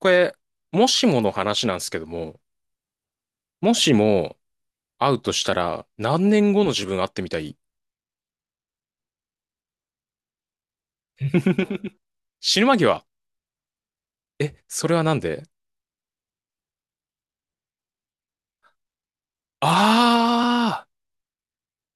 これ、もしもの話なんですけども、もしも会うとしたら何年後の自分会ってみたい？ 死ぬ間際。え、それはなんで？あ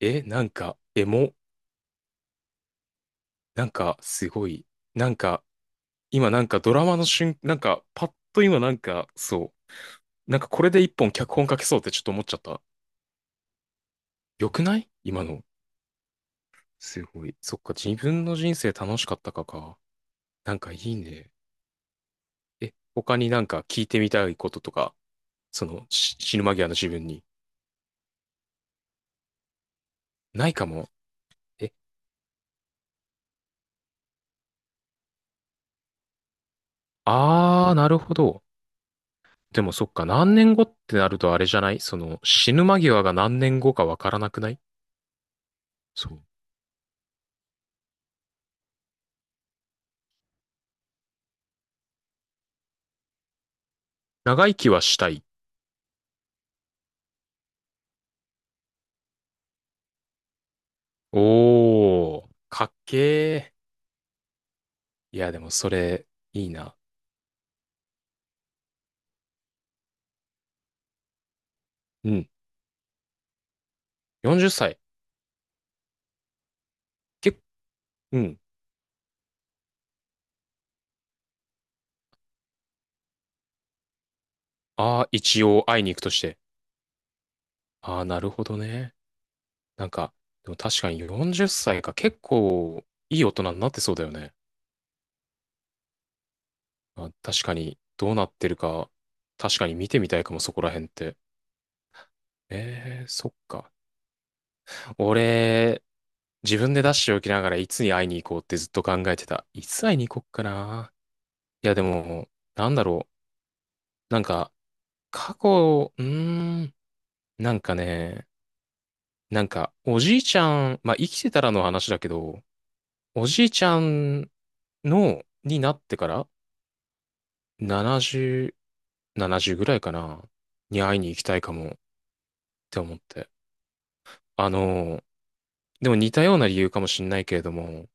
ーえ、なんか、エモ。なんか、すごい。なんか、今ドラマの瞬、パッと今そう。なんかこれで一本脚本書けそうってちょっと思っちゃった。よくない今の。すごい。そっか、自分の人生楽しかったかか。なんかいいね。え、他になんか聞いてみたいこととか、その死ぬ間際の自分に。ないかも。え、あー、なるほど。でもそっか、何年後ってなるとあれじゃない、その死ぬ間際が何年後かわからなくない？そう。長生きはしたい。おー、かっけー。いや、でもそれ、いいな。うん。40歳。けっ、うん。ああ、一応会いに行くとして。ああ、なるほどね。なんか、でも確かに40歳か、結構いい大人になってそうだよね。あ、確かに、どうなってるか、確かに見てみたいかも、そこら辺って。えー、そっか。俺、自分で出しておきながらいつに会いに行こうってずっと考えてた。いつ会いに行こっかな。いや、でも、なんだろう。過去、なんかね、おじいちゃん、まあ、生きてたらの話だけど、おじいちゃんの、になってから、70、70ぐらいかな、に会いに行きたいかもって思って。あのー、でも似たような理由かもしれないけれども、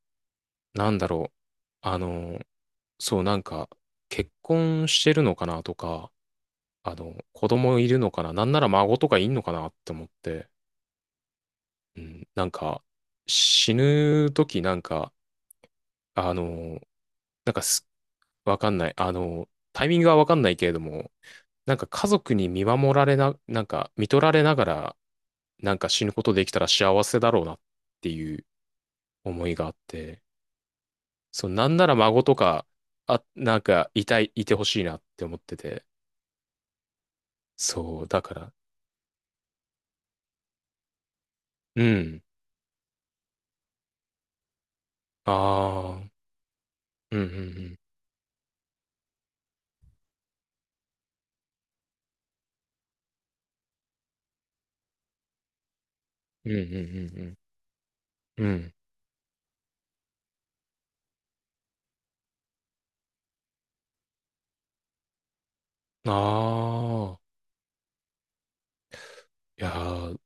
なんだろう。あのー、そう、なんか、結婚してるのかなとか、あの、子供いるのかな、なんなら孫とかいんのかなって思って、うん、なんか、死ぬ時なんか、あの、なんかす、わかんない。あの、タイミングはわかんないけれども、なんか家族に見守られな、なんか、見とられながら、なんか死ぬことできたら幸せだろうなっていう思いがあって、そう、なんなら孫とか、あ、いてほしいなって思ってて。そう、だから、うん。ああ、うん、うん、うん、うん、うん、うん、うん。うんああ、いやー、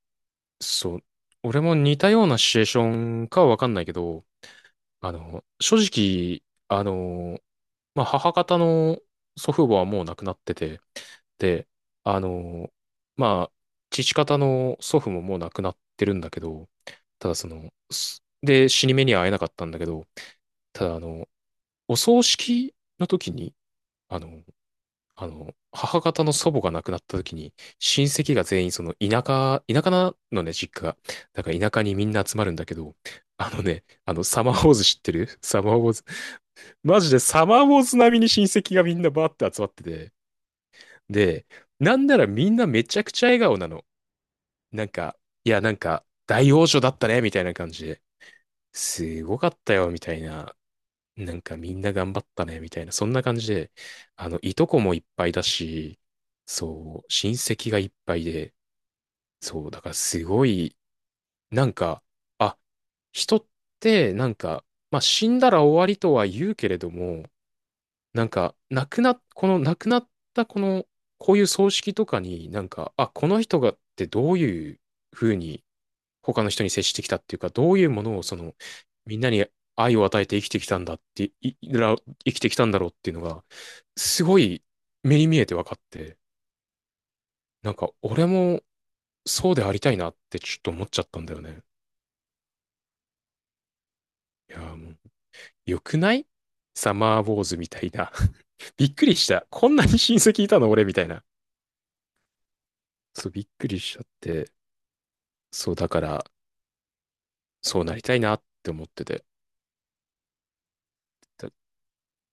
そう、俺も似たようなシチュエーションかはわかんないけど、あの、正直、あの、まあ、母方の祖父母はもう亡くなってて、で、あの、まあ、父方の祖父ももう亡くなってるんだけど、ただその、死に目には会えなかったんだけど、ただあの、お葬式の時に、あの、あの、母方の祖母が亡くなった時に、親戚が全員その田舎、田舎なのね、実家が。だから田舎にみんな集まるんだけど、あのね、あの、サマーウォーズ知ってる？サマーウォーズ。マジでサマーウォーズ並みに親戚がみんなバーって集まってて。で、なんならみんなめちゃくちゃ笑顔なの。なんか、いや、なんか、大王女だったね、みたいな感じで、すごかったよ、みたいな、なんかみんな頑張ったね、みたいな、そんな感じで、あの、いとこもいっぱいだし、そう、親戚がいっぱいで、そう、だからすごい、なんか、あ、人って、なんか、まあ、死んだら終わりとは言うけれども、なんか、亡くな、この亡くなったこの、こういう葬式とかに、なんか、あ、この人がってどういうふうに他の人に接してきたっていうか、どういうものをその、みんなに愛を与えて生きてきたんだって、生きてきたんだろうっていうのが、すごい目に見えて分かって、なんか、俺もそうでありたいなってちょっと思っちゃったんだよね。いやー、もう、良くない？サマーウォーズみたいな。びっくりした。こんなに親戚いたの俺みたいな。そう、びっくりしちゃって。そう、だから、そうなりたいなって思ってて。だ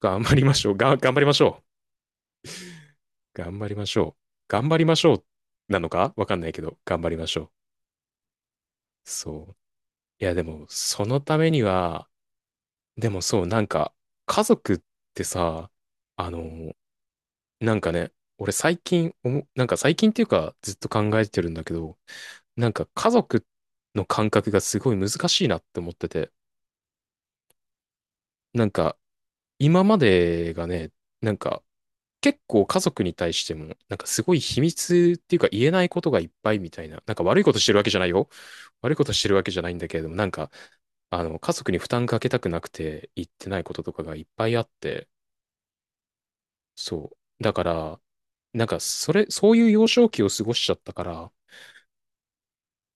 頑張りましょう。頑張りましょう。頑張りましょう。頑張りましょう。なのかわかんないけど、頑張りましょう。そう。いや、でも、そのためには、でもそう、なんか、家族ってさ、あの、なんかね、俺最近思う、なんか最近っていうか、ずっと考えてるんだけど、なんか家族の感覚がすごい難しいなって思ってて、なんか今までがね、なんか、結構家族に対しても、なんかすごい秘密っていうか言えないことがいっぱいみたいな、なんか悪いことしてるわけじゃないよ。悪いことしてるわけじゃないんだけれども、なんか、あの、家族に負担かけたくなくて言ってないこととかがいっぱいあって、そう。だから、なんか、そういう幼少期を過ごしちゃったから、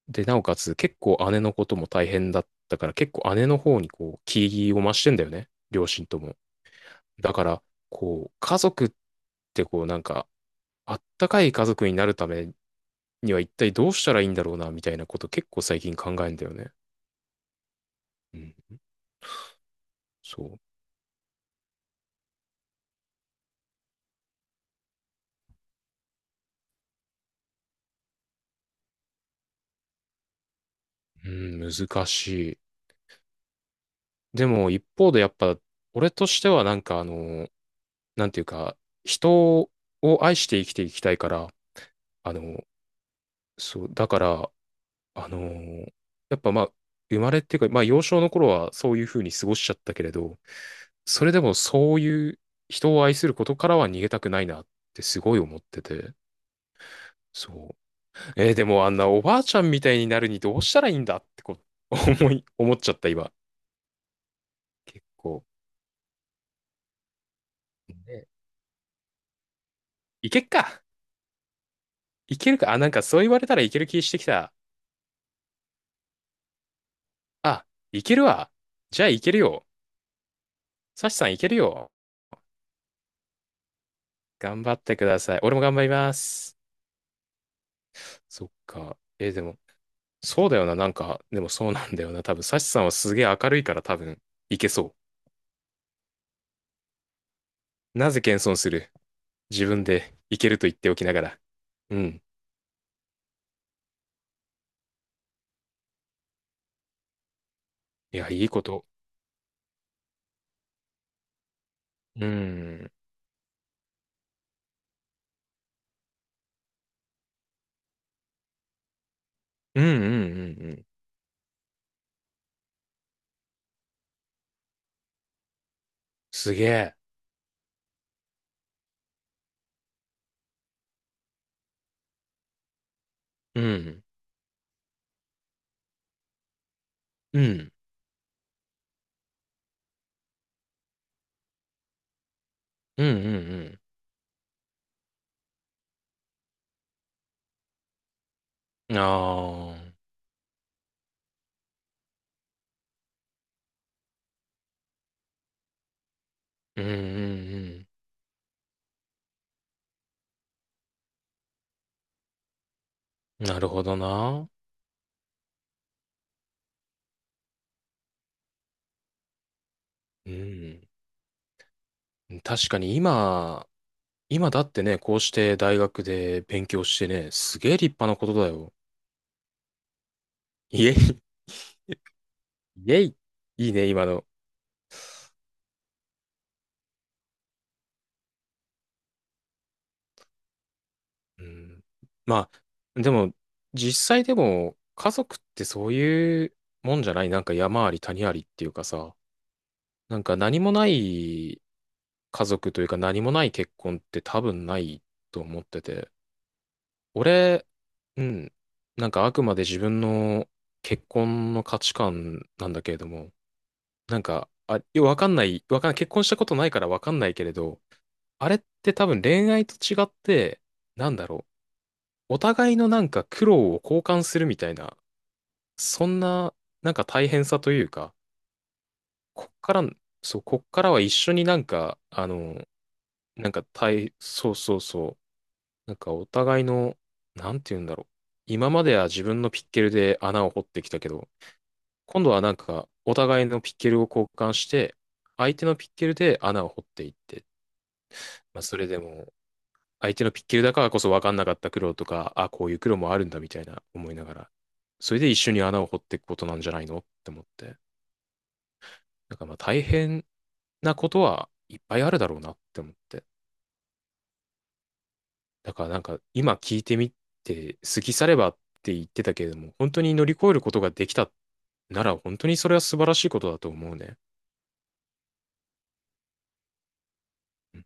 で、なおかつ結構姉のことも大変だったから、結構姉の方にこう、気を増してんだよね。両親とも。だから、こう、家族ってこう、なんか、あったかい家族になるためには一体どうしたらいいんだろうな、みたいなこと結構最近考えんだよね。うん。そう。うん、難しい。でも、一方でやっぱ、俺としてはなんかあの、なんていうか、人を愛して生きていきたいから、あの、そう、だから、あのーやっぱまあ、生まれっていうか、まあ幼少の頃はそういうふうに過ごしちゃったけれど、それでもそういう人を愛することからは逃げたくないなってすごい思ってて、そう。えーでもあんなおばあちゃんみたいになるにどうしたらいいんだってう、思っちゃった今。結構。ね、いけっか。いけるか。あ、なんかそう言われたらいける気してきた。あ、いけるわ。じゃあいけるよ。サシさんいけるよ。頑張ってください。俺も頑張ります。そっか。えーでも、そうだよな、なんか、でもそうなんだよな。多分、サシさんはすげえ明るいから、多分、いけそう。なぜ謙遜する？自分でいけると言っておきながら。うん。いや、いいこと。うん。うんうんうんうん。すげえ。うん。うん。うんうんうん。ああ。うんうんうん。なるほどな。うん。確かに今、今だってね、こうして大学で勉強してね、すげえ立派なことだよ。イエイ。イエイ。いいね、今の。うん。まあ、でも、実際でも、家族ってそういうもんじゃない？なんか山あり谷ありっていうかさ、なんか何もない家族というか何もない結婚って多分ないと思ってて。俺、うん、なんかあくまで自分の結婚の価値観なんだけれども、なんか、あ、よわかんない、わかんない、結婚したことないからわかんないけれど、あれって多分恋愛と違って、なんだろう。お互いのなんか苦労を交換するみたいな、そんななんか大変さというか、こっから、そう、こっからは一緒になんか、あの、なんか大、そうそうそう、なんかお互いの、なんて言うんだろう。今までは自分のピッケルで穴を掘ってきたけど、今度はなんかお互いのピッケルを交換して、相手のピッケルで穴を掘っていって、まあそれでも相手のピッケルだからこそ分かんなかった苦労とか、あ、こういう苦労もあるんだみたいな思いながら、それで一緒に穴を掘っていくことなんじゃないのって思って。なんかまあ大変なことはいっぱいあるだろうなって思って。だからなんか今聞いてみて、過ぎ去ればって言ってたけれども、本当に乗り越えることができたなら本当にそれは素晴らしいことだと思うね。うん